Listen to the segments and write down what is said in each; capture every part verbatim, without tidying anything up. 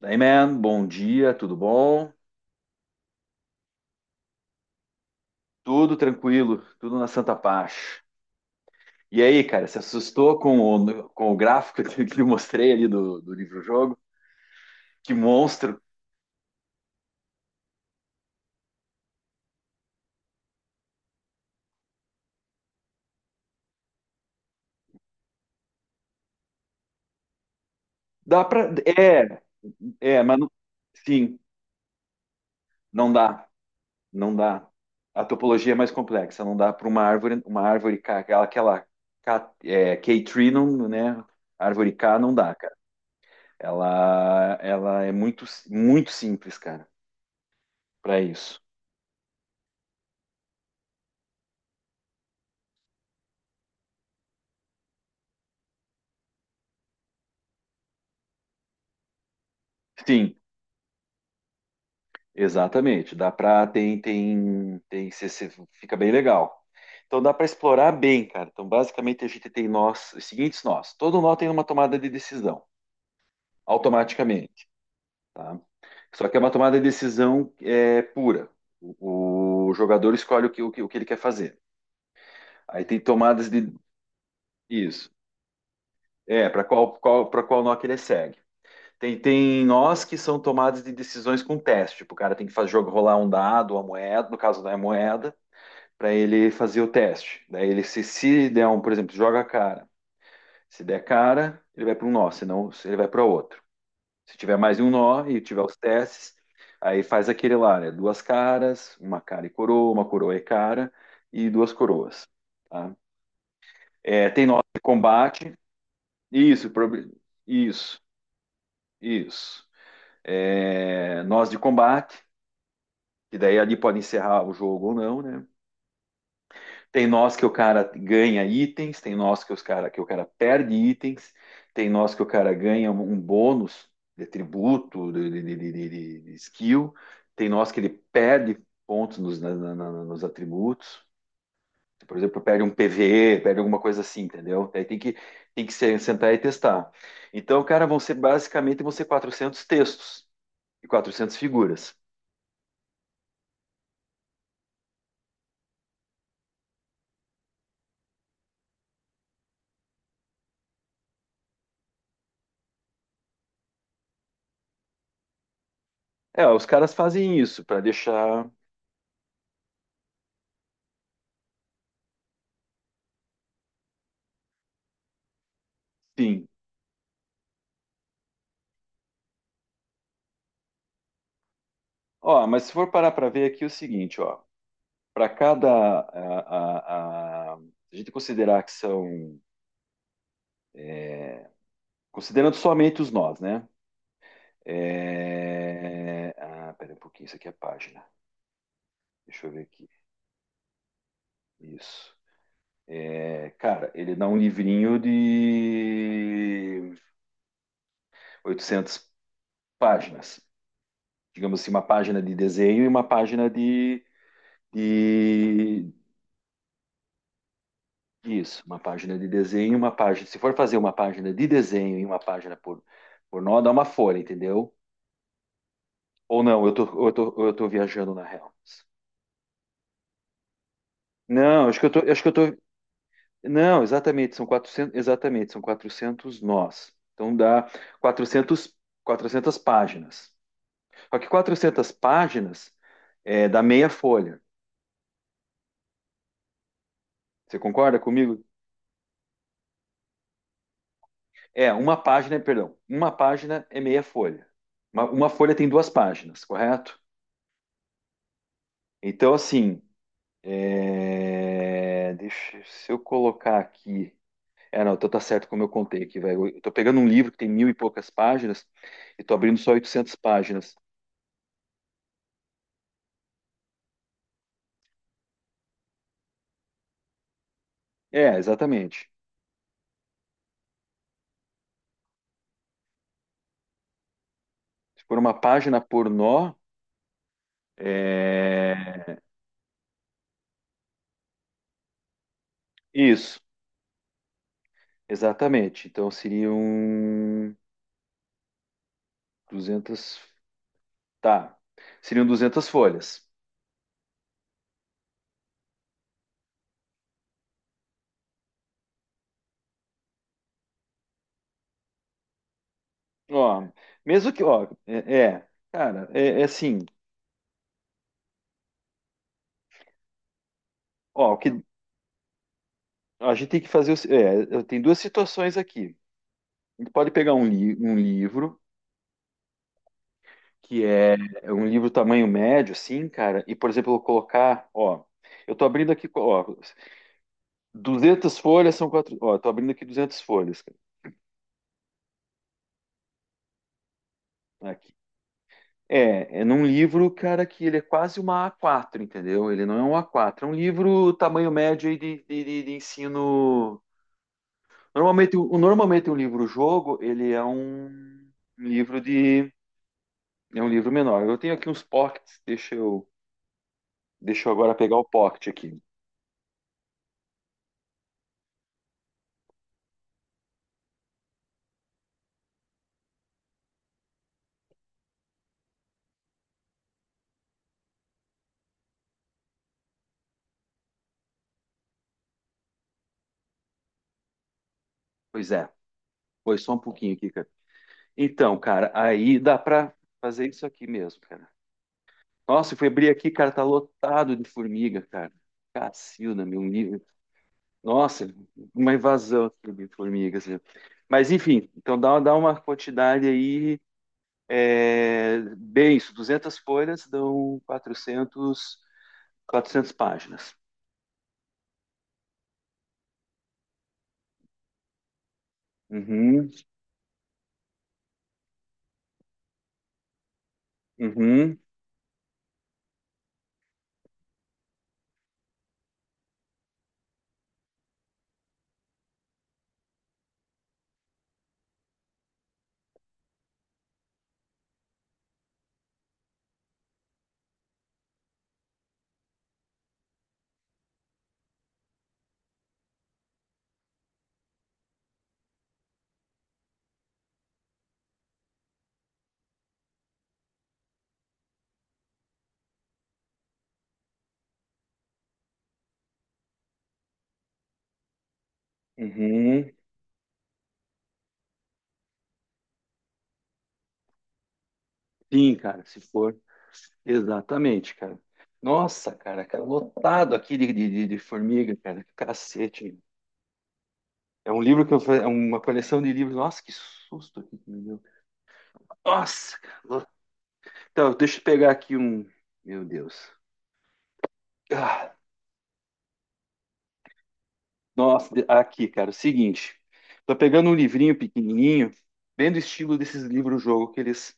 Daí, man, bom dia, tudo bom? Tudo tranquilo, tudo na santa paz. E aí, cara, se assustou com o, com o gráfico que que eu mostrei ali do, do livro-jogo? Que monstro! Dá pra. É, é, mas não- sim, não dá, não dá. A topologia é mais complexa, não dá para uma árvore, uma árvore K, aquela, aquela K, é, K-tree, não, né? Árvore K não dá, cara. Ela, ela é muito, muito simples, cara, para isso. Sim, exatamente, dá para tem tem tem cê- cê- fica bem legal. Então dá para explorar bem, cara. Então basicamente a gente tem nós, os seguintes nós. Todo nó tem uma tomada de decisão automaticamente, tá? Só que é uma tomada de decisão é pura. O, o jogador escolhe o que, o que o que ele quer fazer. Aí tem tomadas de isso. É, para qual qual para qual nó que ele segue. Tem, tem nós que são tomadas de decisões com teste. Tipo, o cara tem que fazer jogo rolar um dado, uma moeda, no caso não é moeda para ele fazer o teste. Daí ele se, se der um, por exemplo, joga a cara. Se der cara, ele vai para um nó, senão ele vai para outro. Se tiver mais de um nó e tiver os testes, aí faz aquele lá, né? Duas caras, uma cara e coroa, uma coroa e cara e duas coroas. Tá? É, tem nós de combate. Isso, prob- isso, isso. É, nós de combate, que daí ali pode encerrar o jogo ou não, né? Tem nós que o cara ganha itens, tem nós que os cara que o cara perde itens, tem nós que o cara ganha um um bônus de tributo, de, de- de- de- de- skill, tem nós que ele perde pontos nos, na- na- nos atributos. Por exemplo, perde um P V E, perde alguma coisa assim, entendeu? Aí tem que tem que se- sentar e testar. Então, cara, vão ser basicamente vão ser quatrocentos textos e quatrocentas figuras. É, os caras fazem isso para deixar, sim. Ó, mas se for parar para ver aqui é o seguinte, ó. Para cada. A, a, a, a gente considerar que são. Considerando somente os nós, né? É... Ah, pera um pouquinho, isso aqui é a página. Deixa eu ver aqui. Isso. É, cara, ele dá um livrinho de oitocentas páginas. Digamos assim, uma página de desenho e uma página de, de... Isso, uma página de desenho e uma página... Se for fazer uma página de desenho e uma página por, por nó, dá uma folha, entendeu? Ou não, eu tô, eu tô, eu tô viajando na real. Não, acho que eu tô, acho que eu tô. Não, exatamente, são quatrocentos. Exatamente, são quatrocentos nós. Então dá quatrocentos, quatrocentas páginas. Só que quatrocentas páginas é dá meia folha. Você concorda comigo? É, uma página, perdão, uma página é meia folha. Uma, uma folha tem duas páginas, correto? Então, assim, é, deixa, se eu colocar aqui. É, não, então tá certo como eu contei aqui, velho. Eu tô pegando um livro que tem mil e poucas páginas e tô abrindo só oitocentas páginas. É, exatamente. Se for uma página por nó, é... Isso, exatamente. Então seriam duzentas, tá, seriam duzentas folhas. Ó, mesmo que... Ó, é, é, cara, é, é assim... Ó, o que a gente tem que fazer... é o se- é, tem duas situações aqui. A gente pode pegar um, li- um livro que é é um livro tamanho médio, assim, cara, e, por exemplo, eu vou colocar, ó, eu tô abrindo aqui, ó, duzentas folhas são quatro, ó, eu tô abrindo aqui duzentas folhas, cara, aqui. É, é num livro, cara, que ele é quase uma A quatro, entendeu? Ele não é um A quatro, é um livro tamanho médio aí de, de, de- de ensino. Normalmente, o- normalmente um livro-jogo, ele é um um livro de, é um livro menor. Eu tenho aqui uns pockets, deixa eu, deixa eu agora pegar o pocket aqui. Pois é, pois só um pouquinho aqui, cara. Então, cara, aí dá pra fazer isso aqui mesmo, cara. Nossa, eu fui abrir aqui, cara, tá lotado de formiga, cara. Cacilda, meu nível. Nossa, uma invasão aqui de formigas, né? Mas, enfim, então dá, dá uma quantidade aí, é, bem isso, duzentas folhas dão quatrocentos, quatrocentas páginas. Uhum, uhum, uhum. Sim, cara, se for. Exatamente, cara. Nossa, cara, cara, lotado aqui de, de, de- de formiga, cara. Cacete, meu. É um livro que eu fa- é uma coleção de livros. Nossa, que susto aqui que me deu. Nossa, cara. lo- Então, deixa eu pegar aqui um. Meu Deus. Ah, nossa, de- aqui, cara, o seguinte. Tô pegando um livrinho pequenininho, bem do estilo desses livros-jogo que eles.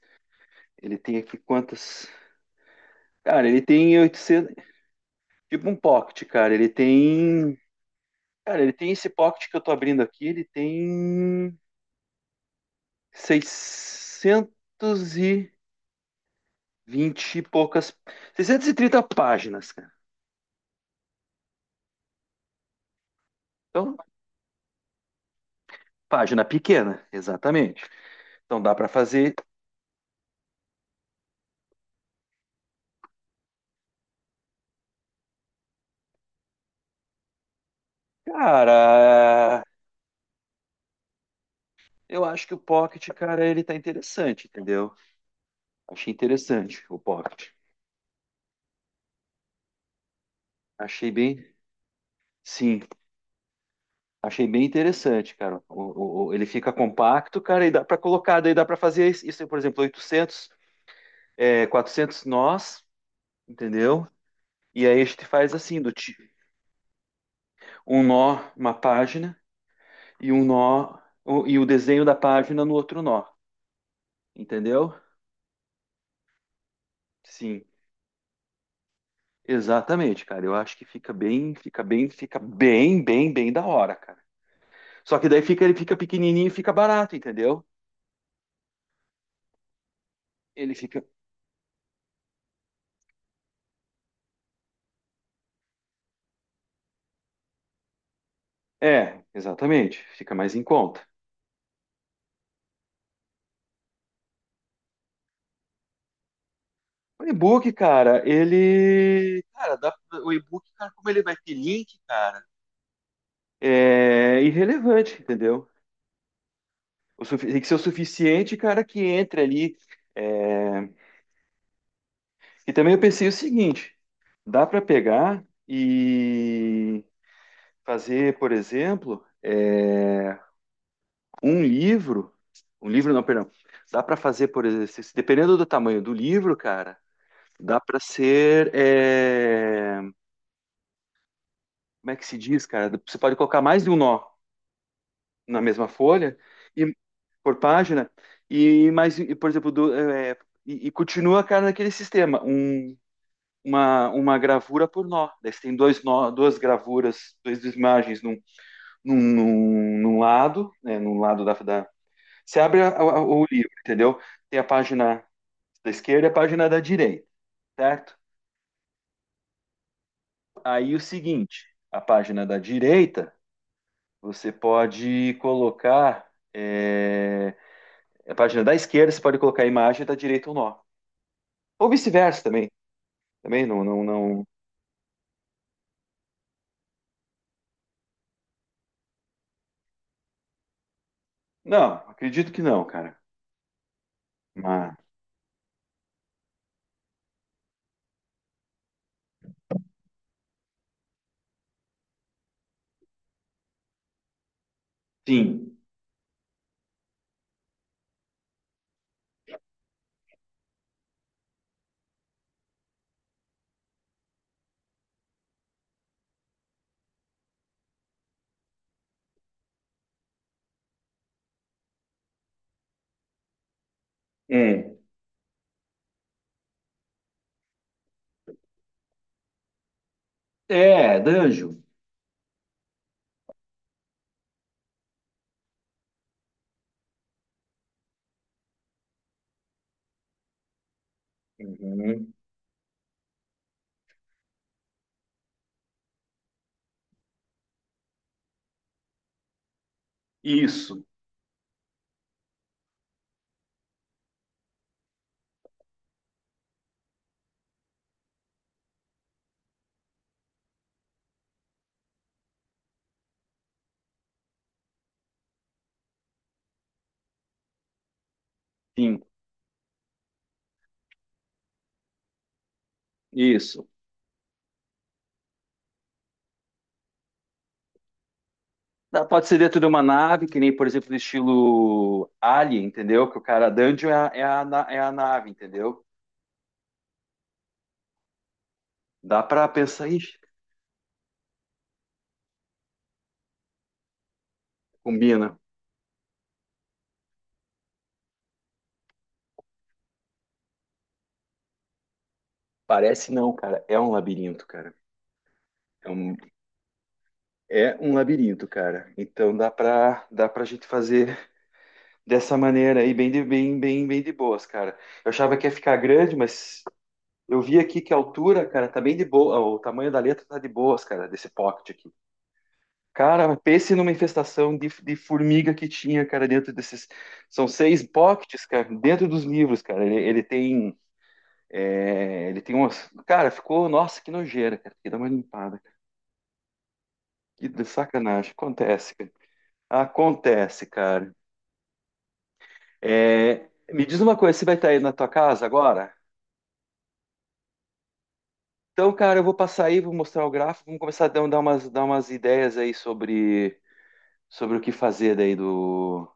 Ele tem aqui quantas. Cara, ele tem oitocentos. Tipo um pocket, cara. Ele tem. Cara, ele tem esse pocket que eu tô abrindo aqui, ele tem seiscentos e vinte e poucas. Seiscentas e trinta páginas, cara. Então, página pequena, exatamente. Então dá para fazer. Cara, eu acho que o Pocket, cara, ele tá interessante, entendeu? Achei interessante o Pocket. Achei bem. Sim, achei bem interessante, cara. O- o- o- ele fica compacto, cara, e dá para colocar, daí dá para fazer isso, por exemplo, oitocentos, é, quatrocentos nós, entendeu? E aí a gente faz assim, do ti- um nó, uma página, e um nó, o- e o desenho da página no outro nó, entendeu? Sim, exatamente, cara. Eu acho que fica bem, fica bem, fica bem, bem, bem da hora, cara. Só que daí fica, ele fica pequenininho e fica barato, entendeu? Ele fica, é, exatamente, fica mais em conta. O e-book, cara, ele, cara, dá- o e-book, cara, como ele vai ter link, cara, é irrelevante, entendeu? O sufi- tem que ser o suficiente, cara, que entre ali. É, e também eu pensei o seguinte: dá para pegar e fazer, por exemplo, é, um livro. Um livro, não, perdão. Dá para fazer, por exemplo, se- dependendo do tamanho do livro, cara, dá para ser. É, como é que se diz, cara? Você pode colocar mais de um nó na mesma folha, e por página, e mais, e, por exemplo, do, é, e, e continua, cara, naquele sistema. Um, uma, uma gravura por nó. Daí você tem dois nó, duas gravuras, duas imagens num, num, num, num lado, né, num lado da, da... Você abre a- a- o livro, entendeu? Tem a página da esquerda e a página da direita, certo? Aí o seguinte, a página da direita, você pode colocar... É, a página da esquerda, você pode colocar a imagem da direita o nó. Ou vice-versa também. Também não, não, não... Não, acredito que não, cara. Mas, sim. É. É, danjo. Uhum. Isso, sim, isso. Dá- Pode ser dentro de uma nave, que nem, por exemplo, do estilo Alien, entendeu? Que o cara dungeon é a, é a, na- é a nave, entendeu? Dá pra pensar, ixi, combina. Parece não, cara. É um labirinto, cara. É um, é um labirinto, cara. Então dá pra, dá pra gente fazer dessa maneira aí, bem de, bem, bem, bem de boas, cara. Eu achava que ia ficar grande, mas eu vi aqui que a altura, cara, tá bem de boa. O tamanho da letra tá de boas, cara, desse pocket aqui. Cara, pense numa infestação de, de formiga que tinha, cara, dentro desses. São seis pockets, cara, dentro dos livros, cara. Ele, ele tem. É, ele tem umas. Cara, ficou. Nossa, que nojeira, cara. Tem que dar uma limpada. Que sacanagem. Acontece, cara. Acontece, cara. É, me diz uma coisa, você vai estar aí na tua casa agora? Então, cara, eu vou passar aí, vou mostrar o gráfico, vamos começar a dar dar umas, dar umas ideias aí sobre sobre o que fazer daí do,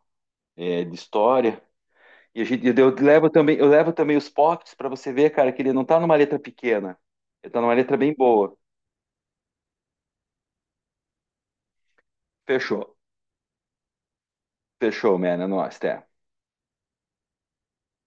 é, de história. E a gente, eu levo também, eu levo também os pops para você ver, cara, que ele não tá numa letra pequena. Ele tá numa letra bem boa. Fechou. Fechou, man. É nóis, até.